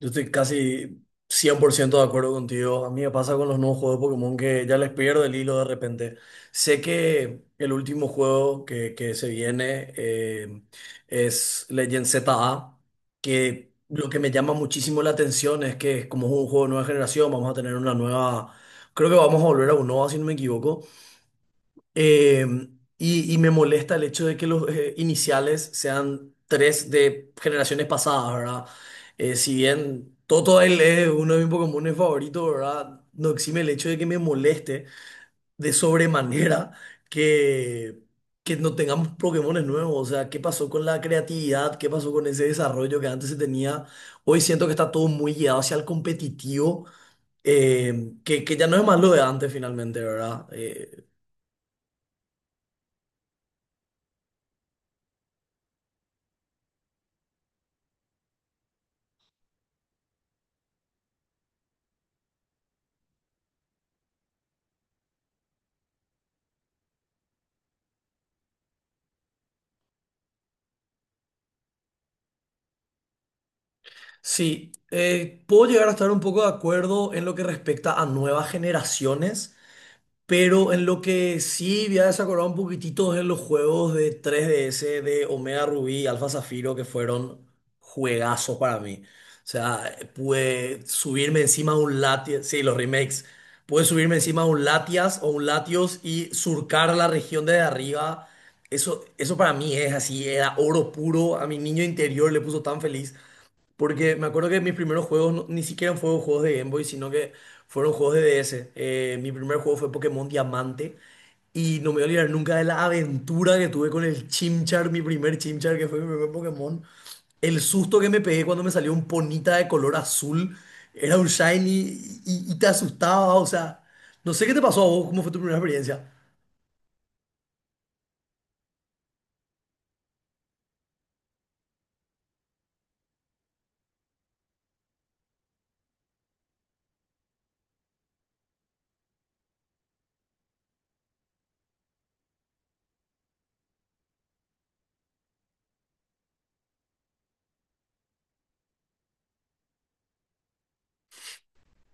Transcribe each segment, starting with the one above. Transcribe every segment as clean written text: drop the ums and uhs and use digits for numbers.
Yo estoy casi 100% de acuerdo contigo. A mí me pasa con los nuevos juegos de Pokémon que ya les pierdo el hilo de repente. Sé que el último juego que se viene es Legend ZA, que lo que me llama muchísimo la atención es que como es un juego de nueva generación, vamos a tener una nueva. Creo que vamos a volver a Unova, si no me equivoco. Eh, y me molesta el hecho de que los iniciales sean tres de generaciones pasadas, ¿verdad? Si bien Toto él es uno de mis Pokémones favoritos, ¿verdad? No exime el hecho de que me moleste de sobremanera que, que no tengamos Pokémones nuevos. O sea, ¿qué pasó con la creatividad? ¿Qué pasó con ese desarrollo que antes se tenía? Hoy siento que está todo muy guiado hacia el competitivo que ya no es más lo de antes finalmente, ¿verdad? Sí, puedo llegar a estar un poco de acuerdo en lo que respecta a nuevas generaciones, pero en lo que sí voy a desacordar un poquitito es en los juegos de 3DS de Omega Rubí y Alfa Zafiro que fueron juegazos para mí. O sea, pude subirme encima de un Latias, sí, los remakes, pude subirme encima de un Latias o un Latios y surcar la región desde arriba. Eso para mí es así, era oro puro. A mi niño interior le puso tan feliz. Porque me acuerdo que mis primeros juegos ni siquiera fueron juegos de Game Boy, sino que fueron juegos de DS. Mi primer juego fue Pokémon Diamante. Y no me voy a olvidar nunca de la aventura que tuve con el Chimchar, mi primer Chimchar, que fue mi primer Pokémon. El susto que me pegué cuando me salió un Ponita de color azul. Era un Shiny y te asustaba. O sea, no sé qué te pasó a vos, cómo fue tu primera experiencia.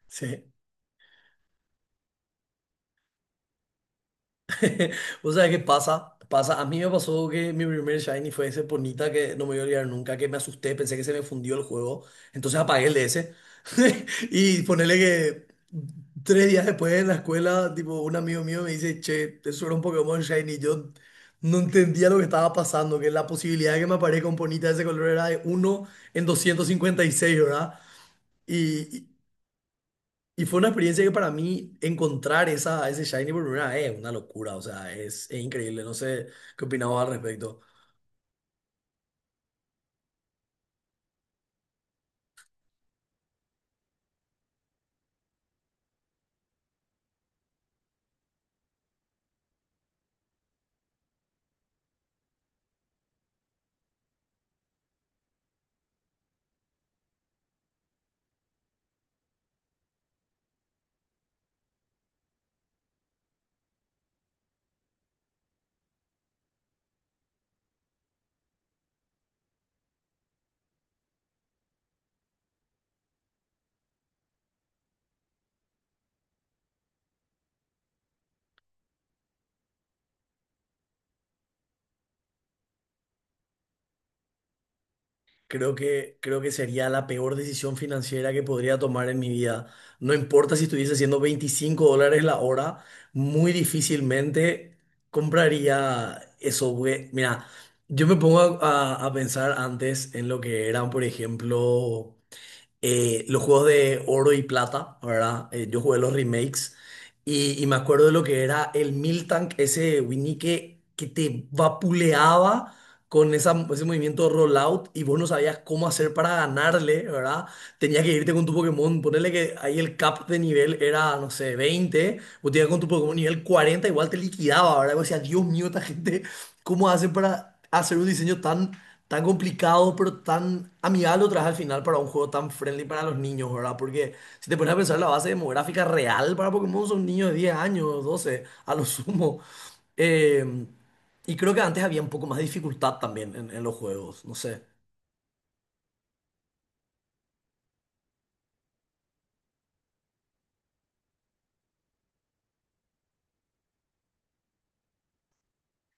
Sí. O sea, ¿qué pasa? Pasa, a mí me pasó que mi primer Shiny fue ese Ponita que no me voy a olvidar nunca, que me asusté, pensé que se me fundió el juego, entonces apagué el DS. Y ponele que 3 días después en la escuela, tipo, un amigo mío me dice, che, eso era un Pokémon Shiny, y yo no entendía lo que estaba pasando, que la posibilidad de que me aparezca un Ponita de ese color era de uno en 256, ¿verdad? Y y fue una experiencia que para mí encontrar esa, ese Shiny por primera vez es una locura, o sea, es increíble, no sé qué opinabas al respecto. Creo que sería la peor decisión financiera que podría tomar en mi vida. No importa si estuviese haciendo $25 la hora, muy difícilmente compraría eso porque, mira, yo me pongo a pensar antes en lo que eran, por ejemplo, los juegos de oro y plata, ¿verdad? Yo jugué los remakes y me acuerdo de lo que era el Miltank, ese Winnie que te vapuleaba con ese movimiento rollout y vos no sabías cómo hacer para ganarle, ¿verdad? Tenías que irte con tu Pokémon, ponerle que ahí el cap de nivel era, no sé, 20. Vos te ibas con tu Pokémon nivel 40 igual te liquidaba, ¿verdad? Vos decías, Dios mío, esta gente, ¿cómo hacen para hacer un diseño tan, tan complicado, pero tan amigable otra vez al final para un juego tan friendly para los niños, ¿verdad? Porque si te pones a pensar, la base demográfica real para Pokémon son niños de 10 años, 12 a lo sumo. Eh, y creo que antes había un poco más de dificultad también en los juegos, no sé.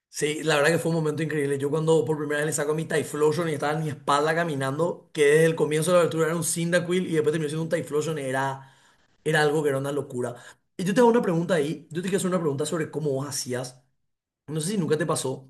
Sí, la verdad que fue un momento increíble. Yo cuando por primera vez le saco mi Typhlosion y estaba en mi espalda caminando, que desde el comienzo de la aventura era un Cyndaquil y después terminó siendo un Typhlosion, era algo que era una locura. Y yo te hago una pregunta ahí, yo te quiero hacer una pregunta sobre cómo vos hacías. No sé si nunca te pasó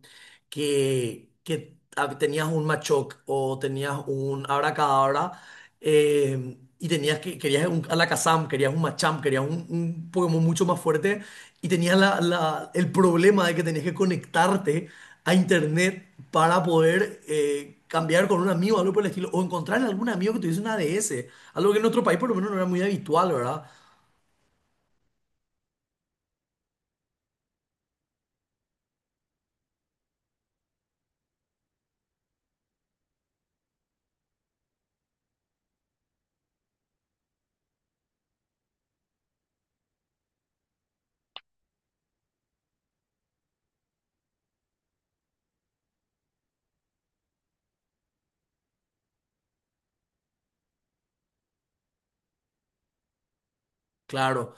que tenías un machoc o tenías un abracadabra y tenías que querías un Alakazam, querías un Machamp, querías un, Pokémon mucho más fuerte y tenías el problema de que tenías que conectarte a internet para poder cambiar con un amigo, algo por el estilo, o encontrar algún amigo que tuviese una ADS, algo que en otro país por lo menos no era muy habitual, ¿verdad? Claro.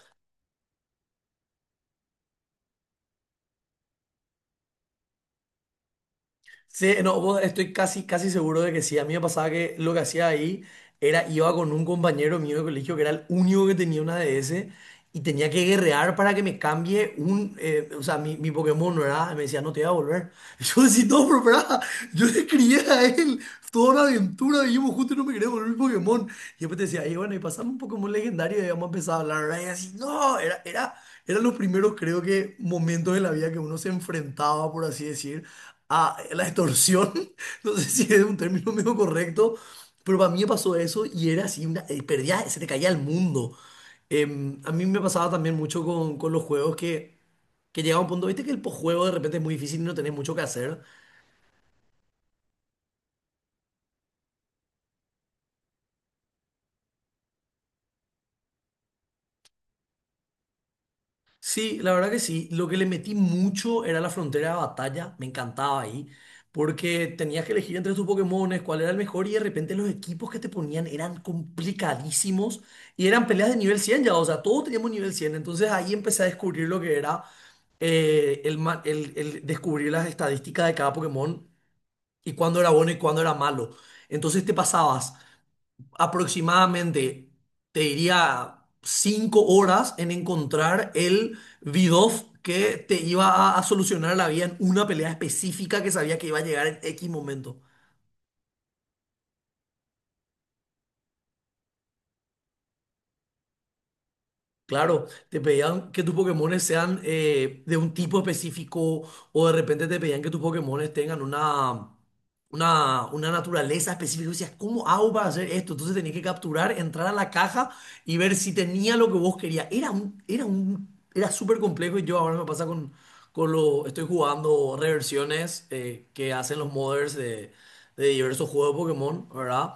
Sí, no, estoy casi, casi seguro de que sí. A mí me pasaba que lo que hacía ahí era iba con un compañero mío de colegio que era el único que tenía una DS y tenía que guerrear para que me cambie o sea, mi Pokémon no era, me decía, no te voy a volver. Yo decía, no, pero pará, yo le crié a él toda una aventura, vivimos juntos y no me quería volver mi Pokémon. Y después te decía, y bueno, y pasame un Pokémon legendario y vamos a empezar a hablar, ¿verdad? Y así, no, era. Era lo primero, creo que, momentos de la vida que uno se enfrentaba, por así decir, a la extorsión. No sé si es un término medio correcto, pero para mí me pasó eso y era así, perdía, se te caía el mundo. A mí me pasaba también mucho con los juegos que llegaba un punto, viste que el posjuego de repente es muy difícil y no tenés mucho que hacer. Sí, la verdad que sí. Lo que le metí mucho era la frontera de batalla. Me encantaba ahí. Porque tenías que elegir entre tus Pokémones cuál era el mejor y de repente los equipos que te ponían eran complicadísimos y eran peleas de nivel 100 ya. O sea, todos teníamos nivel 100. Entonces ahí empecé a descubrir lo que era el descubrir las estadísticas de cada Pokémon y cuándo era bueno y cuándo era malo. Entonces te pasabas aproximadamente, te diría, 5 horas en encontrar el Bidoff que te iba a solucionar la vida en una pelea específica que sabía que iba a llegar en X momento. Claro, te pedían que tus Pokémones sean de un tipo específico o de repente te pedían que tus Pokémones tengan una naturaleza específica. Y decías, ¿cómo hago para hacer esto? Entonces tenías que capturar, entrar a la caja y ver si tenía lo que vos querías. Era súper complejo y yo ahora me pasa estoy jugando reversiones que hacen los modders de diversos juegos de Pokémon, ¿verdad?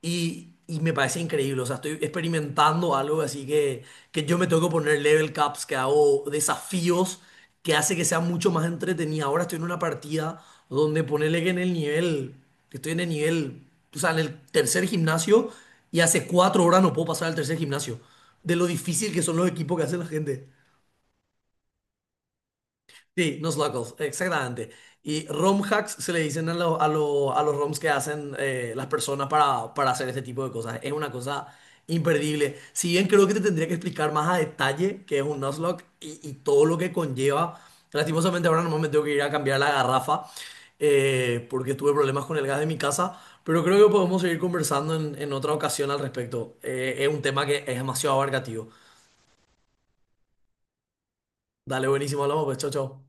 Y me parece increíble, o sea, estoy experimentando algo así que yo me tengo que poner level caps, que hago desafíos que hace que sea mucho más entretenida. Ahora estoy en una partida donde ponele que estoy en el nivel, o sea, en el tercer gimnasio y hace 4 horas no puedo pasar al tercer gimnasio. De lo difícil que son los equipos que hace la gente. Sí, nuslocals, exactamente. Y ROM hacks se le dicen a los ROMs que hacen las personas para hacer este tipo de cosas. Es una cosa imperdible. Si bien creo que te tendría que explicar más a detalle qué es un nuzlocke y todo lo que conlleva. Lastimosamente ahora nomás me tengo que ir a cambiar la garrafa porque tuve problemas con el gas de mi casa. Pero creo que podemos seguir conversando en otra ocasión al respecto. Es un tema que es demasiado abarcativo. Dale, buenísimo, hablamos pues, chao, chao.